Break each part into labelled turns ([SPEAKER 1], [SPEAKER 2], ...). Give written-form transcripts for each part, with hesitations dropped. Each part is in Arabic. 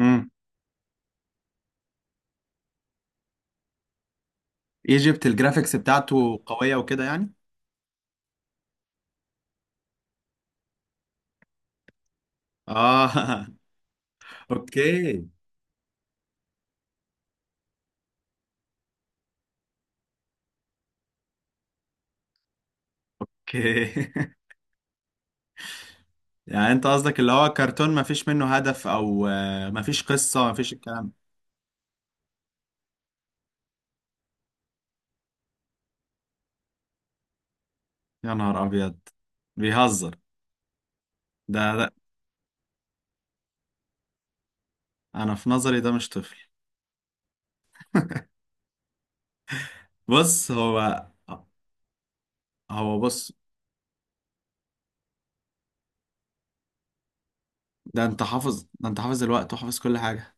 [SPEAKER 1] امم ايجيبت الجرافيكس بتاعته قوية وكده يعني. اه، اوكي، اوكي يعني انت قصدك اللي هو كرتون ما فيش منه هدف او ما فيش قصة، ما فيش الكلام. يا نهار ابيض، بيهزر. ده، انا في نظري ده مش طفل. بص هو. ده انت حافظ الوقت وحافظ كل حاجة.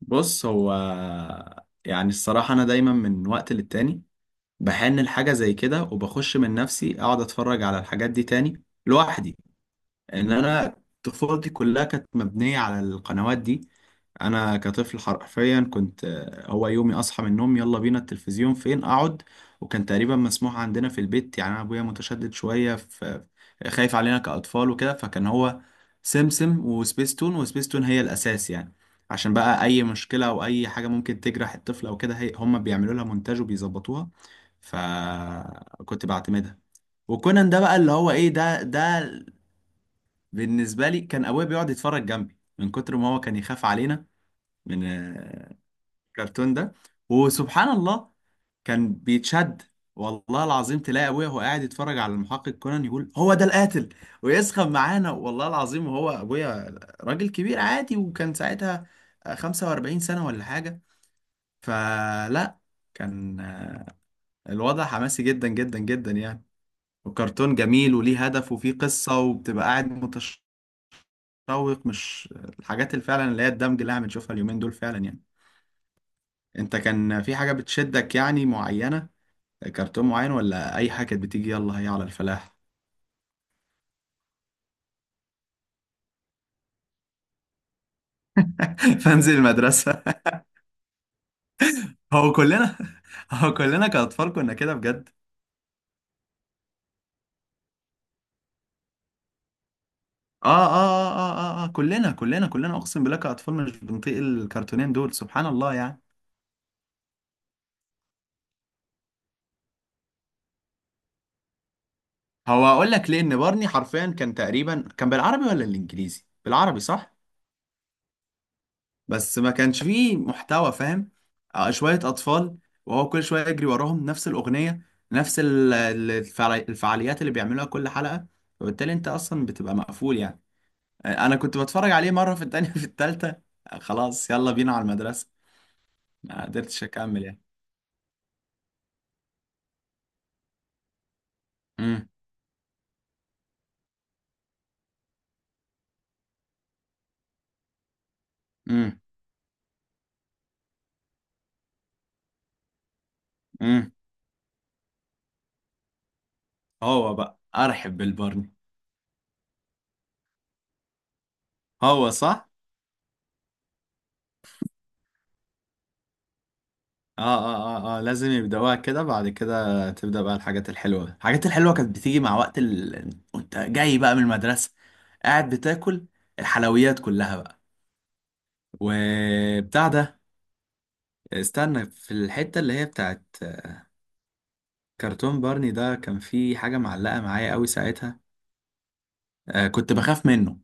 [SPEAKER 1] بص هو، يعني الصراحة انا دايما من وقت للتاني بحن لحاجة زي كده، وبخش من نفسي اقعد اتفرج على الحاجات دي تاني لوحدي. انا طفولتي كلها كانت مبنيه على القنوات دي. انا كطفل حرفيا كنت، هو يومي اصحى من النوم يلا بينا التلفزيون فين اقعد. وكان تقريبا مسموح عندنا في البيت، يعني انا ابويا متشدد شويه في، خايف علينا كاطفال وكده، فكان هو سمسم وسبيستون، وسبيستون هي الاساس يعني. عشان بقى اي مشكله او اي حاجه ممكن تجرح الطفل او كده، هي هم بيعملوا لها مونتاج وبيظبطوها، فكنت بعتمدها. وكونان ده بقى اللي هو ايه، ده بالنسبة لي كان أبويا بيقعد يتفرج جنبي من كتر ما هو كان يخاف علينا من، الكرتون ده. وسبحان الله كان بيتشد. والله العظيم، تلاقي أبويا وهو قاعد يتفرج على المحقق كونان يقول هو ده القاتل، ويسخن معانا والله العظيم. وهو أبويا راجل كبير عادي، وكان ساعتها 45 سنة ولا حاجة. فلا، كان الوضع حماسي جدا جدا جدا يعني، وكرتون جميل وليه هدف وفيه قصة وبتبقى قاعد تشوق، مش الحاجات اللي فعلا اللي هي الدمج اللي احنا بنشوفها اليومين دول فعلا يعني. انت كان في حاجة بتشدك يعني معينة، كرتون معين، ولا اي حاجة كانت بتيجي يلا هي على الفلاح؟ فانزل المدرسة. هو كلنا هو كلنا كأطفال كنا كده بجد. آه، كلنا أقسم بالله كأطفال مش بنطيق الكرتونين دول، سبحان الله يعني. هو أقول لك ليه، إن بارني حرفيا كان تقريبا كان بالعربي ولا الإنجليزي؟ بالعربي صح؟ بس ما كانش فيه محتوى فاهم. شوية أطفال وهو كل شوية يجري وراهم نفس الأغنية، نفس الفعاليات اللي بيعملوها كل حلقة، وبالتالي أنت أصلا بتبقى مقفول يعني. أنا كنت بتفرج عليه مرة، في التانية في التالتة، خلاص يلا بينا على المدرسة، ما قدرتش أكمل يعني. امم امم امم هو بقى أرحب بالبرني. هو صح. اه لازم يبدأوها كده، بعد كده تبدأ بقى الحاجات الحلوة، الحاجات الحلوة كانت بتيجي مع وقت وانت جاي بقى من المدرسة قاعد بتاكل الحلويات كلها بقى وبتاع ده. استنى، في الحتة اللي هي بتاعت كرتون بارني ده كان في حاجة معلقة معايا قوي ساعتها. آه، كنت بخاف منه،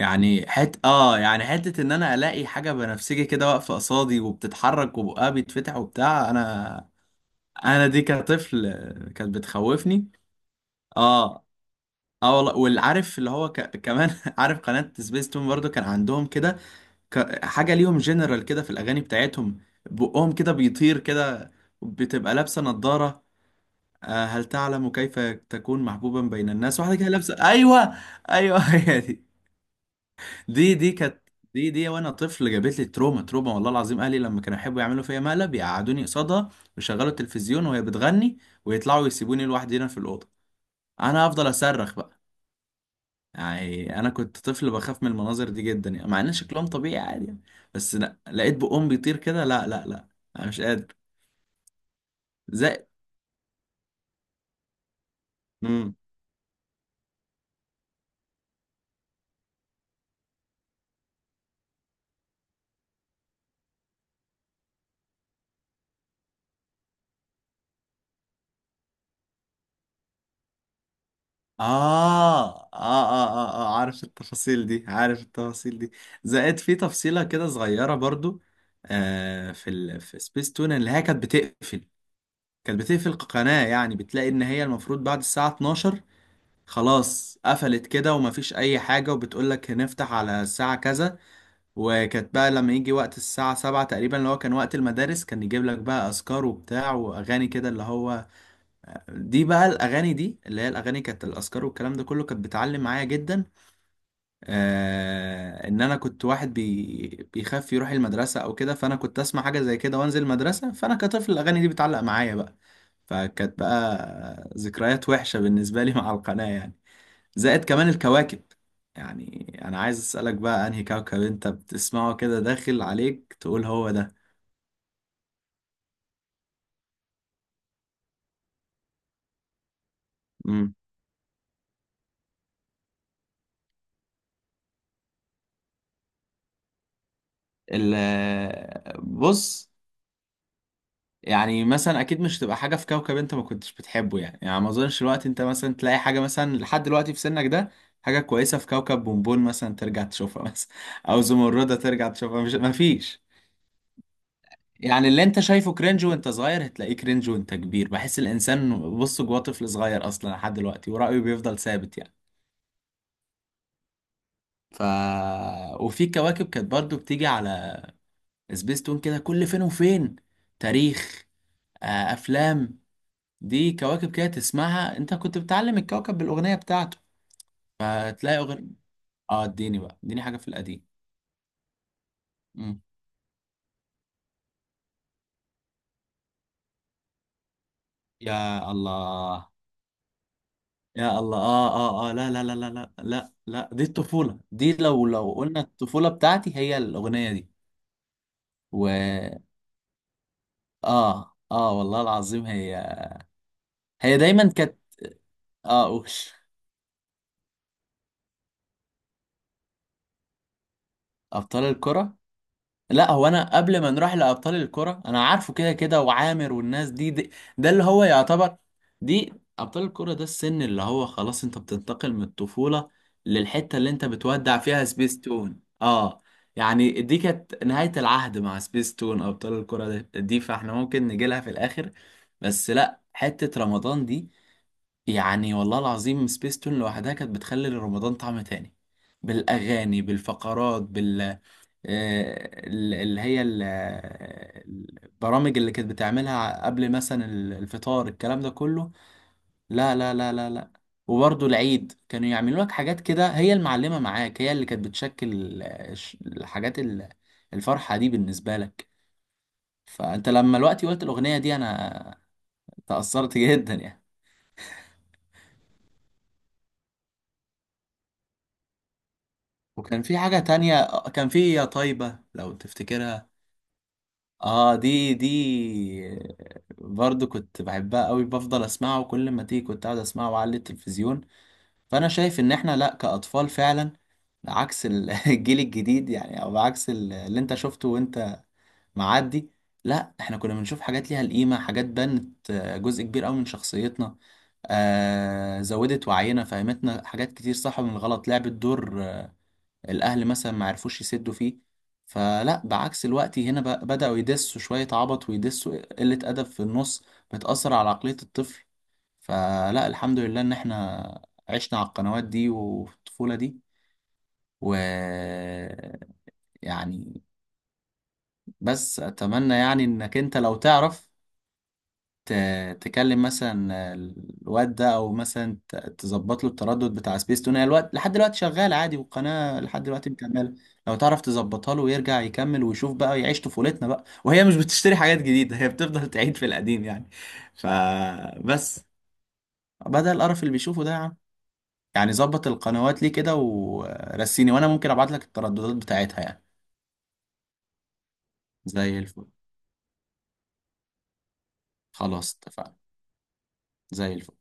[SPEAKER 1] يعني حت اه يعني حتة انا الاقي حاجة بنفسجي كده واقفة قصادي وبتتحرك وبقها بيتفتح وبتاع. انا دي كطفل كانت بتخوفني. اه اه، والله والعارف اللي هو كمان عارف قناة سبيس تون برضو كان عندهم كده حاجة ليهم جنرال كده في الأغاني بتاعتهم، بقهم كده بيطير كده، بتبقى لابسة نظارة. آه، هل تعلم كيف تكون محبوبا بين الناس؟ واحدة كده لابسة، أيوه، أيوه هي دي. دي كانت، دي وأنا طفل جابت لي تروما، تروما والله العظيم. أهلي لما كانوا يحبوا يعملوا فيا مقلب، يقعدوني قصادها ويشغلوا التلفزيون وهي بتغني، ويطلعوا يسيبوني لوحدي هنا في الأوضة، أنا أفضل أصرخ بقى. يعني انا كنت طفل بخاف من المناظر دي جدا، يعني مع ان شكلهم طبيعي عادي يعني. بس لا، لقيت بقهم بيطير كده، لا لا لا، انا مش قادر زي. امم آه. عارف التفاصيل دي، عارف التفاصيل دي. زائد، في تفصيلة كده صغيرة برضو، آه، في في سبيس تون اللي هي كانت بتقفل، كانت بتقفل قناة يعني، بتلاقي ان هي المفروض بعد الساعة 12 خلاص قفلت كده، ومفيش اي حاجة، وبتقول لك هنفتح على الساعة كذا. وكانت بقى لما يجي وقت الساعة سبعة تقريبا، اللي هو كان وقت المدارس، كان يجيب لك بقى أذكار وبتاع وأغاني كده، اللي هو دي بقى الأغاني دي اللي هي الأغاني، كانت الأذكار والكلام ده كله كانت بتعلم معايا جدا. آه، إن أنا كنت واحد بيخاف يروح المدرسة أو كده، فأنا كنت أسمع حاجة زي كده وأنزل المدرسة، فأنا كطفل الأغاني دي بتعلق معايا بقى. فكانت بقى ذكريات وحشة بالنسبة لي مع القناة يعني. زائد كمان الكواكب، يعني انا عايز اسالك بقى، انهي كوكب انت بتسمعه كده داخل عليك تقول هو ده؟ امم ال بص، يعني مثلا اكيد مش تبقى حاجه في كوكب انت ما كنتش بتحبه يعني، يعني ما اظنش الوقت انت مثلا تلاقي حاجه، مثلا لحد دلوقتي في سنك ده، حاجه كويسه في كوكب بونبون مثلا ترجع تشوفها مثلا، او زمرده ترجع تشوفها، مش ما فيش. يعني اللي انت شايفه كرنج وانت صغير هتلاقيه كرنج وانت كبير، بحس الانسان بص جواه طفل صغير اصلا لحد دلوقتي ورايه بيفضل ثابت يعني. ف وفي كواكب كانت برضو بتيجي على سبيستون كده كل فين وفين، تاريخ، افلام، دي كواكب كده تسمعها، انت كنت بتعلم الكوكب بالاغنيه بتاعته، فتلاقي اه، اديني بقى، اديني حاجه في القديم. مم. يا الله، يا الله، اه اه اه، لا لا لا لا لا لا لا، دي الطفوله دي، لو قلنا الطفوله بتاعتي هي الاغنيه دي. و اه والله العظيم، هي، هي دايما كانت، اه اوش. ابطال الكره، لا هو انا قبل ما نروح لابطال الكره انا عارفه كده كده، وعامر والناس دي ده اللي هو يعتبر دي، ابطال الكره ده السن اللي هو خلاص انت بتنتقل من الطفوله للحته اللي انت بتودع فيها سبيس تون، اه. يعني دي كانت نهايه العهد مع سبيس تون، ابطال الكره دي، فاحنا ممكن نجي لها في الاخر. بس لا، حته رمضان دي، يعني والله العظيم سبيس تون لوحدها كانت بتخلي رمضان طعم تاني، بالاغاني، بالفقرات، بال آه، ال- اللي هي ال- البرامج اللي كانت بتعملها قبل مثلا الفطار، الكلام ده كله، لا لا لا لا لا. وبرضه العيد كانوا يعملوا لك حاجات كده، هي المعلمة معاك هي اللي كانت بتشكل الحاجات الفرحة دي بالنسبة لك. فأنت لما الوقت قلت الأغنية دي، أنا تأثرت جدا يعني. وكان في حاجة تانية كان في يا طيبة، لو تفتكرها. اه، دي برضو كنت بحبها قوي، بفضل اسمعها وكل ما تيجي كنت قاعد اسمعها وأعلي التلفزيون. فانا شايف ان احنا لا، كاطفال فعلا، عكس الجيل الجديد يعني، او عكس اللي انت شفته وانت معدي، لا احنا كنا بنشوف حاجات ليها القيمة، حاجات بنت جزء كبير قوي من شخصيتنا، آه زودت وعينا، فهمتنا حاجات كتير، صح من الغلط، لعبت دور الاهل مثلا ما عرفوش يسدوا فيه. فلا، بعكس الوقت هنا بدأوا يدسوا شوية عبط ويدسوا قلة أدب في النص، بتأثر على عقلية الطفل. فلا، الحمد لله إن إحنا عشنا على القنوات دي وفي الطفولة دي. و يعني بس أتمنى يعني إنك أنت لو تعرف تكلم مثلا الواد ده، او مثلا تظبط له التردد بتاع سبيس تون، هي الوقت لحد دلوقتي شغال عادي، والقناه لحد دلوقتي مكمله. لو تعرف تظبطها له ويرجع يكمل ويشوف بقى، يعيش طفولتنا بقى، وهي مش بتشتري حاجات جديده، هي بتفضل تعيد في القديم يعني، فبس، بدل القرف اللي بيشوفه ده يا عم. يعني ظبط القنوات ليه كده ورسيني، وانا ممكن ابعت لك الترددات بتاعتها يعني. زي الفل. خلاص اتفقنا. زي الفل.